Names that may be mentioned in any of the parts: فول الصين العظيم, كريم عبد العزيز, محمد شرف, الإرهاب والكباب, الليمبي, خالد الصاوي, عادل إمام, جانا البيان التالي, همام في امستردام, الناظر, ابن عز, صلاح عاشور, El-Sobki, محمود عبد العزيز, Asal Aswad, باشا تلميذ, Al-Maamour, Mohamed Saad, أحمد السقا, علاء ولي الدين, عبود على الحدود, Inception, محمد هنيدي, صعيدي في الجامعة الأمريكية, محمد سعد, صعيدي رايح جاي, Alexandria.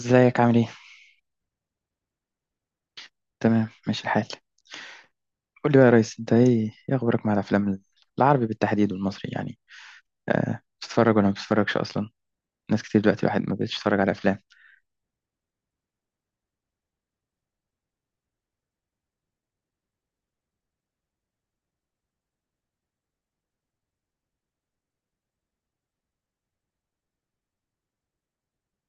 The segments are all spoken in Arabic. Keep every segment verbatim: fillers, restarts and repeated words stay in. ازيك، عامل ايه؟ تمام، ماشي الحال. قول لي بقى يا ريس، انت ايه ايه اخبارك مع الافلام العربي بالتحديد والمصري يعني. أه، بتتفرج ولا ما بتتفرجش اصلا؟ ناس كتير دلوقتي واحد ما بقتش تتفرج على افلام.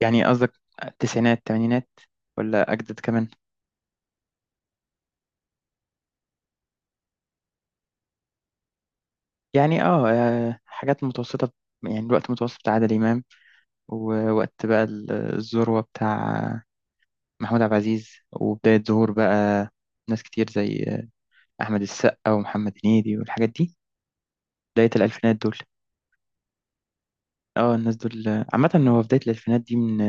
يعني قصدك التسعينات، الثمانينات، ولا اجدد كمان؟ يعني اه آه، حاجات متوسطة، يعني الوقت متوسط بتاع عادل امام، ووقت بقى ال- الذروة بتاع محمود عبد العزيز، وبداية ظهور بقى ناس كتير زي آه، احمد السقا ومحمد هنيدي والحاجات دي، بداية الالفينات دول. اه الناس دول. عامة هو بداية الألفينات دي من،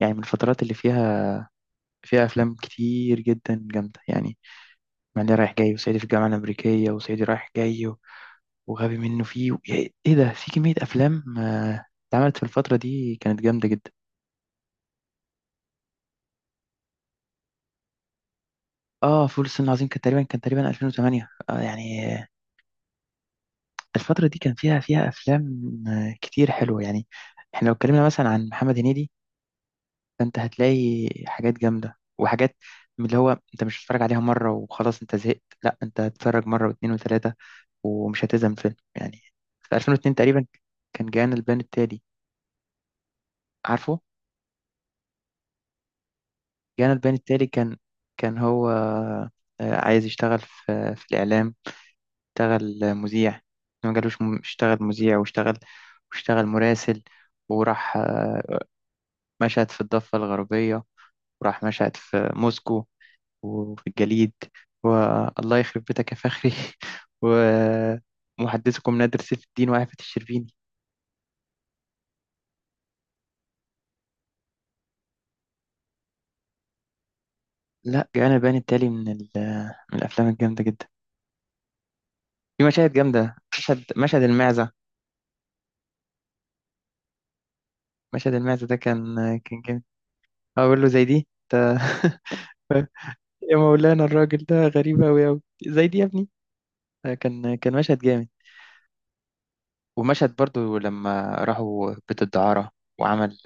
يعني من الفترات اللي فيها فيها أفلام كتير جدا جامدة يعني. معلي رايح جاي، وصعيدي في الجامعة الأمريكية، وصعيدي رايح جاي و- وغبي منه فيه و... إيه إيه ده، في كمية أفلام آه، اتعملت في الفترة دي كانت جامدة جدا. اه فول الصين العظيم كان تقريبا كان تقريبا ألفين وثمانية. آه يعني آه، الفترة دي كان فيها فيها أفلام آه، كتير حلوة يعني. احنا لو اتكلمنا مثلا عن محمد هنيدي، فانت هتلاقي حاجات جامده وحاجات من اللي هو انت مش هتتفرج عليها مره وخلاص انت زهقت، لا انت هتتفرج مره واثنين وثلاثه ومش هتزهق من الفيلم يعني. في ألفين واثنين تقريبا كان جانا البيان التالي، عارفه. جانا البيان التالي، كان كان هو آه، عايز يشتغل في في الاعلام. اشتغل مذيع، ما جالوش، م- اشتغل مذيع، واشتغل واشتغل مراسل. وراح آه، مشهد في الضفه الغربيه، وراح مشهد في موسكو وفي الجليد، والله يخرب بيتك يا فخري ومحدثكم نادر سيف الدين وعفة الشربيني. لا جانا البيان التالي من ال- من الافلام الجامده جدا. في مشاهد جامده، مشهد مشهد المعزه. مشهد المعزه ده كان كان جامد. اقول له زي دي انت يا مولانا، الراجل ده غريب أوي أوي، زي دي يا ابني، كان كان مشهد جامد. ومشهد برضو لما راحوا بيت الدعارة وعمل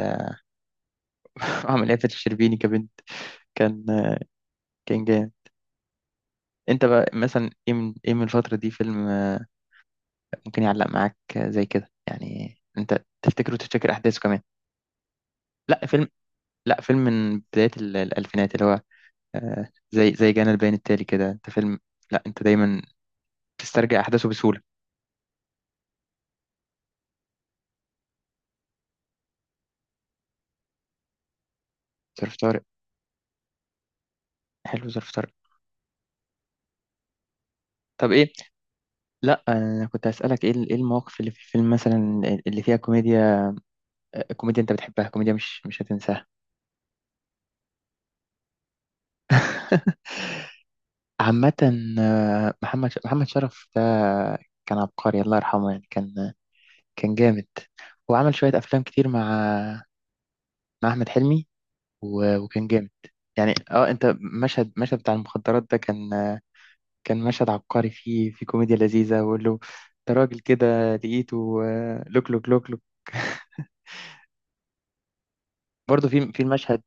وعمل آفة الشربيني كبنت، كان كان جامد. انت بقى مثلا ايه، من ايه من الفترة دي، فيلم آه، ممكن يعلق معاك، آه، زي كده يعني، انت تفتكره وتفتكر احداثه كمان؟ لا فيلم لا فيلم من بداية ال- الالفينات، اللي هو آه، زي زي جانا البيان التالي كده. انت فيلم لا انت دايما تسترجع احداثه بسهولة. ظرف طارق. حلو، ظرف طارق. طب ايه، لا انا كنت هسألك ايه، ال- ايه المواقف اللي في الفيلم مثلا اللي فيها كوميديا، آه، كوميديا انت بتحبها، كوميديا مش مش هتنساها. عامة آه، محمد ش- محمد شرف ده كان عبقري، الله يرحمه. يعني كان كان جامد، وعمل شوية أفلام كتير مع مع أحمد حلمي، و... وكان جامد. يعني اه انت، مشهد مشهد بتاع المخدرات ده كان كان مشهد عبقري، فيه في كوميديا لذيذة. ويقول له ده راجل كده لقيته آه، لوك لوك لوك لوك برضه في في المشهد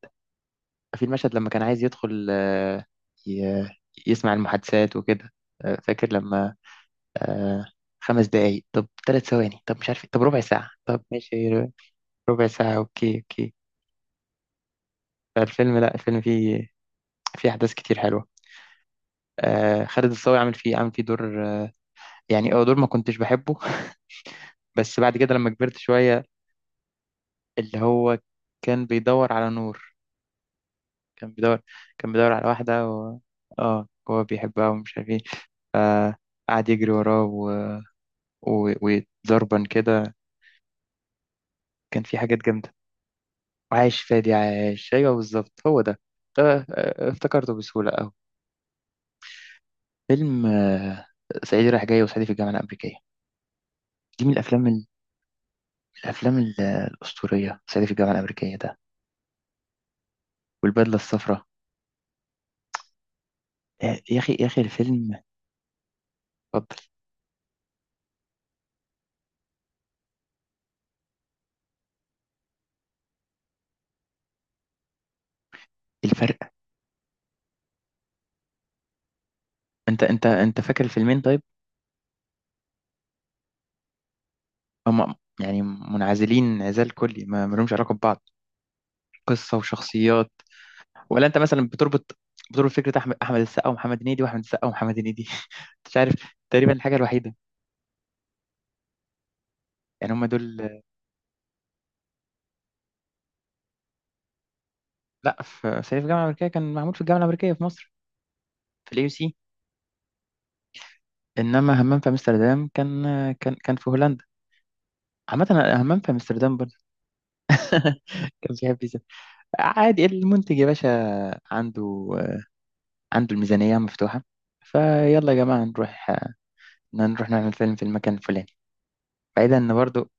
في المشهد لما كان عايز يدخل آه، ي- يسمع المحادثات وكده. آه، فاكر لما آه، خمس دقايق، طب ثلاث ثواني، طب مش عارف إيه، طب ربع ساعة، طب ماشي، ربع ساعة، اوكي اوكي. فالفيلم، لا الفيلم فيه في احداث كتير حلوه. آه خالد الصاوي عامل فيه عامل فيه دور، آه، يعني اه دور ما كنتش بحبه بس بعد كده لما كبرت شويه. اللي هو كان بيدور على نور، كان بيدور كان بيدور على واحده، و... اه هو بيحبها ومش عارف ايه. آه قعد يجري وراه، و... و... وضربا كده، كان في حاجات جامده. وعايش فادي عايش، ايوه بالظبط هو ده. آه، آه، افتكرته بسهوله اهو. فيلم آه، صعيدي رايح جاي، وصعيدي في الجامعه الامريكيه، دي من الافلام الافلام ال- الاسطوريه. صعيدي في الجامعه الامريكيه ده والبدله الصفراء، يا يا اخي يا اخي الفيلم. اتفضل. الفرق. انت انت انت فاكر الفيلمين طيب؟ هم يعني منعزلين انعزال كلي، ما ما لهمش علاقه ببعض، قصه وشخصيات. ولا انت مثلا بتربط بتربط فكره احمد احمد السقا ومحمد هنيدي، واحمد السقا ومحمد هنيدي مش عارف. تقريبا الحاجه الوحيده، يعني هم دول. لا، في صعيدي في الجامعه الامريكيه كان معمول في الجامعه الامريكيه في مصر، في الاي يو سي. انما همام في امستردام، كان كان كان في هولندا. عامة همام في امستردام كان بيحب يزن. عادي، المنتج يا باشا عنده عنده الميزانية مفتوحة، فيلا يا جماعة، نروح نروح نعمل فيلم في المكان الفلاني، بعيدا. ان برضو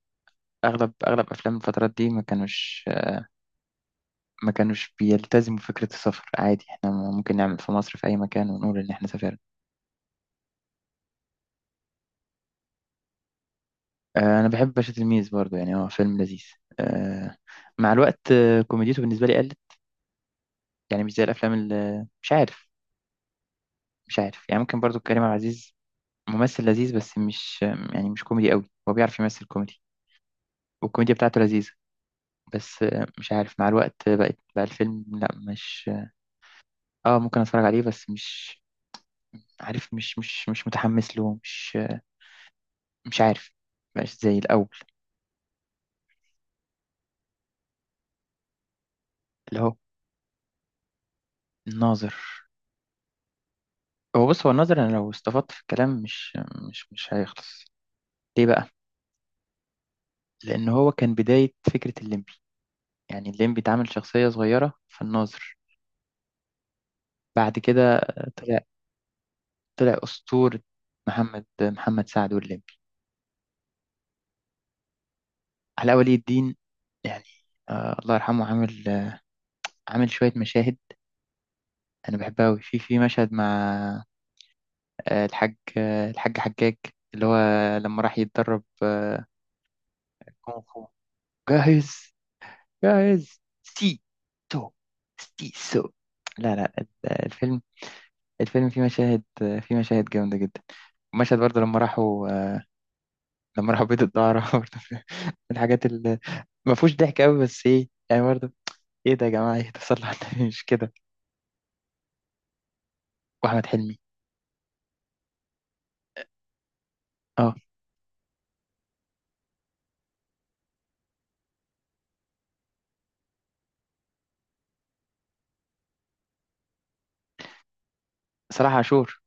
اغلب اغلب افلام الفترات دي ما كانوش ما كانوش بيلتزموا فكرة السفر، عادي احنا ممكن نعمل في مصر في اي مكان ونقول ان احنا سافرنا. آه، انا بحب باشا تلميذ برضو، يعني هو فيلم لذيذ. آه، مع الوقت آه، كوميديته بالنسبة لي قلت، يعني مش زي الافلام. اللي مش عارف، مش عارف يعني. ممكن برضو كريم عبد العزيز ممثل لذيذ، بس مش، يعني مش كوميدي قوي. هو بيعرف يمثل كوميدي، والكوميديا بتاعته لذيذة. بس آه، مش عارف، مع الوقت بقت بقى الفيلم لا مش. اه ممكن اتفرج عليه، بس مش عارف، مش مش مش متحمس له، مش مش عارف. مبقاش زي الأول. اللي هو الناظر. هو بص، هو الناظر، أنا لو استفدت في الكلام مش مش مش هيخلص. ليه بقى؟ لأن هو كان بداية فكرة الليمبي، يعني الليمبي اتعمل شخصية صغيرة في الناظر، بعد كده طلع طلع أسطورة. محمد محمد سعد والليمبي، علاء ولي الدين يعني. آه الله يرحمه عامل آه عامل شوية مشاهد أنا بحبها أوي، في في مشهد مع آه الحاج آه الحاج حجاج، اللي هو لما راح يتدرب آه كونغ فو. جاهز جاهز سي، سو، سي سو. لا لا، ال- الفيلم، الفيلم فيه مشاهد آه فيه مشاهد جامدة جدا. مشهد برضه لما راحوا آه لما راحوا بيت الدعارة برضه، من الحاجات اللي ما فيهوش ضحك أوي، بس إيه يعني، برضه إيه ده يا جماعة، إيه ده صلوا على النبي، مش كده؟ وأحمد حلمي. اه، صلاح عاشور.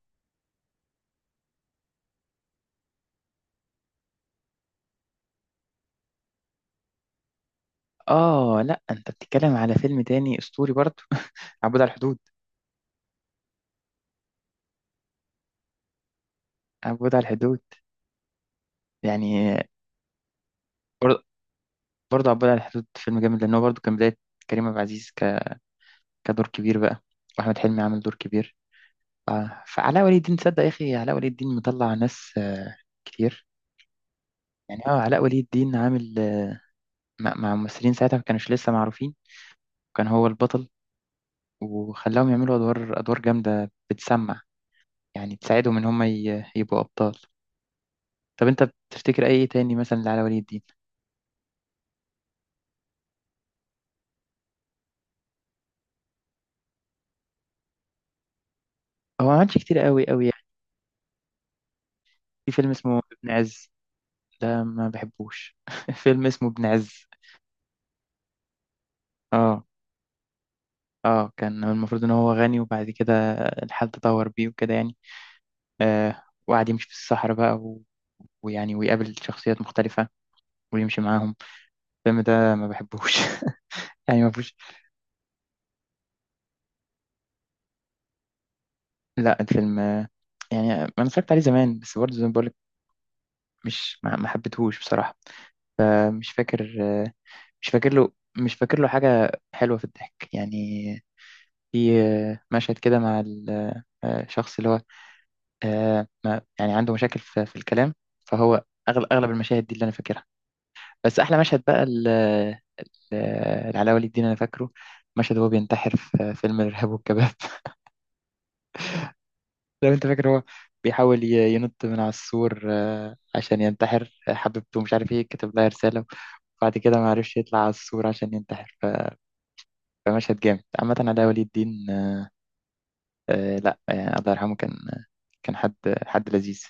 اه لا، انت بتتكلم على فيلم تاني اسطوري برضه عبود على الحدود. عبود على الحدود يعني، بر- برضه عبود على الحدود فيلم جامد، لان هو برضه كان بدايه كريم عبد العزيز ك... كدور كبير بقى، واحمد حلمي عامل دور كبير. ف... فعلاء ولي الدين، تصدق يا اخي، علاء ولي الدين مطلع ناس آه، كتير. يعني اه علاء ولي الدين عامل آه، مع, مع ممثلين ساعتها ما كانوش لسه معروفين، وكان هو البطل، وخلاهم يعملوا ادوار ادوار جامده بتسمع، يعني تساعدهم ان هم ي... يبقوا ابطال. طب انت بتفتكر اي تاني مثلا لعلاء ولي الدين؟ هو ما عملش كتير قوي قوي يعني. في فيلم اسمه ابن عز، ده ما بحبوش فيلم اسمه ابن عز. اه اه، كان المفروض ان هو غني، وبعد كده الحال تطور بيه وكده يعني. آه وقعد يمشي في الصحراء بقى، و... ويعني ويقابل شخصيات مختلفة ويمشي معاهم. الفيلم ده ما بحبوش يعني ما فيهوش. لا الفيلم آه، يعني انا اتفرجت عليه زمان، بس برضه زي ما بقولك، مش، ما ما حبيتهوش بصراحة. آه، مش فاكر، آه، مش فاكر له، مش فاكر له حاجة حلوة في الضحك يعني. في آه، مشهد كده مع الشخص اللي هو، آه، ما- يعني عنده مشاكل في في الكلام، فهو. أغلب أغلب المشاهد دي اللي أنا فاكرها، بس أحلى مشهد بقى، ال- ال- العلاء ولي الدين أنا فاكره، مشهد هو بينتحر في فيلم الإرهاب والكباب لو أنت فاكر. هو بيحاول ي- ينط من على السور آه، عشان ينتحر، حبيبته مش عارف إيه كتب لها رسالة، وبعد كده ما عرفش يطلع على السور عشان ينتحر، ف- فمشهد جامد. عامة علاء ولي الدين، آه لا آه الله يرحمه، كان كان حد حد لذيذ.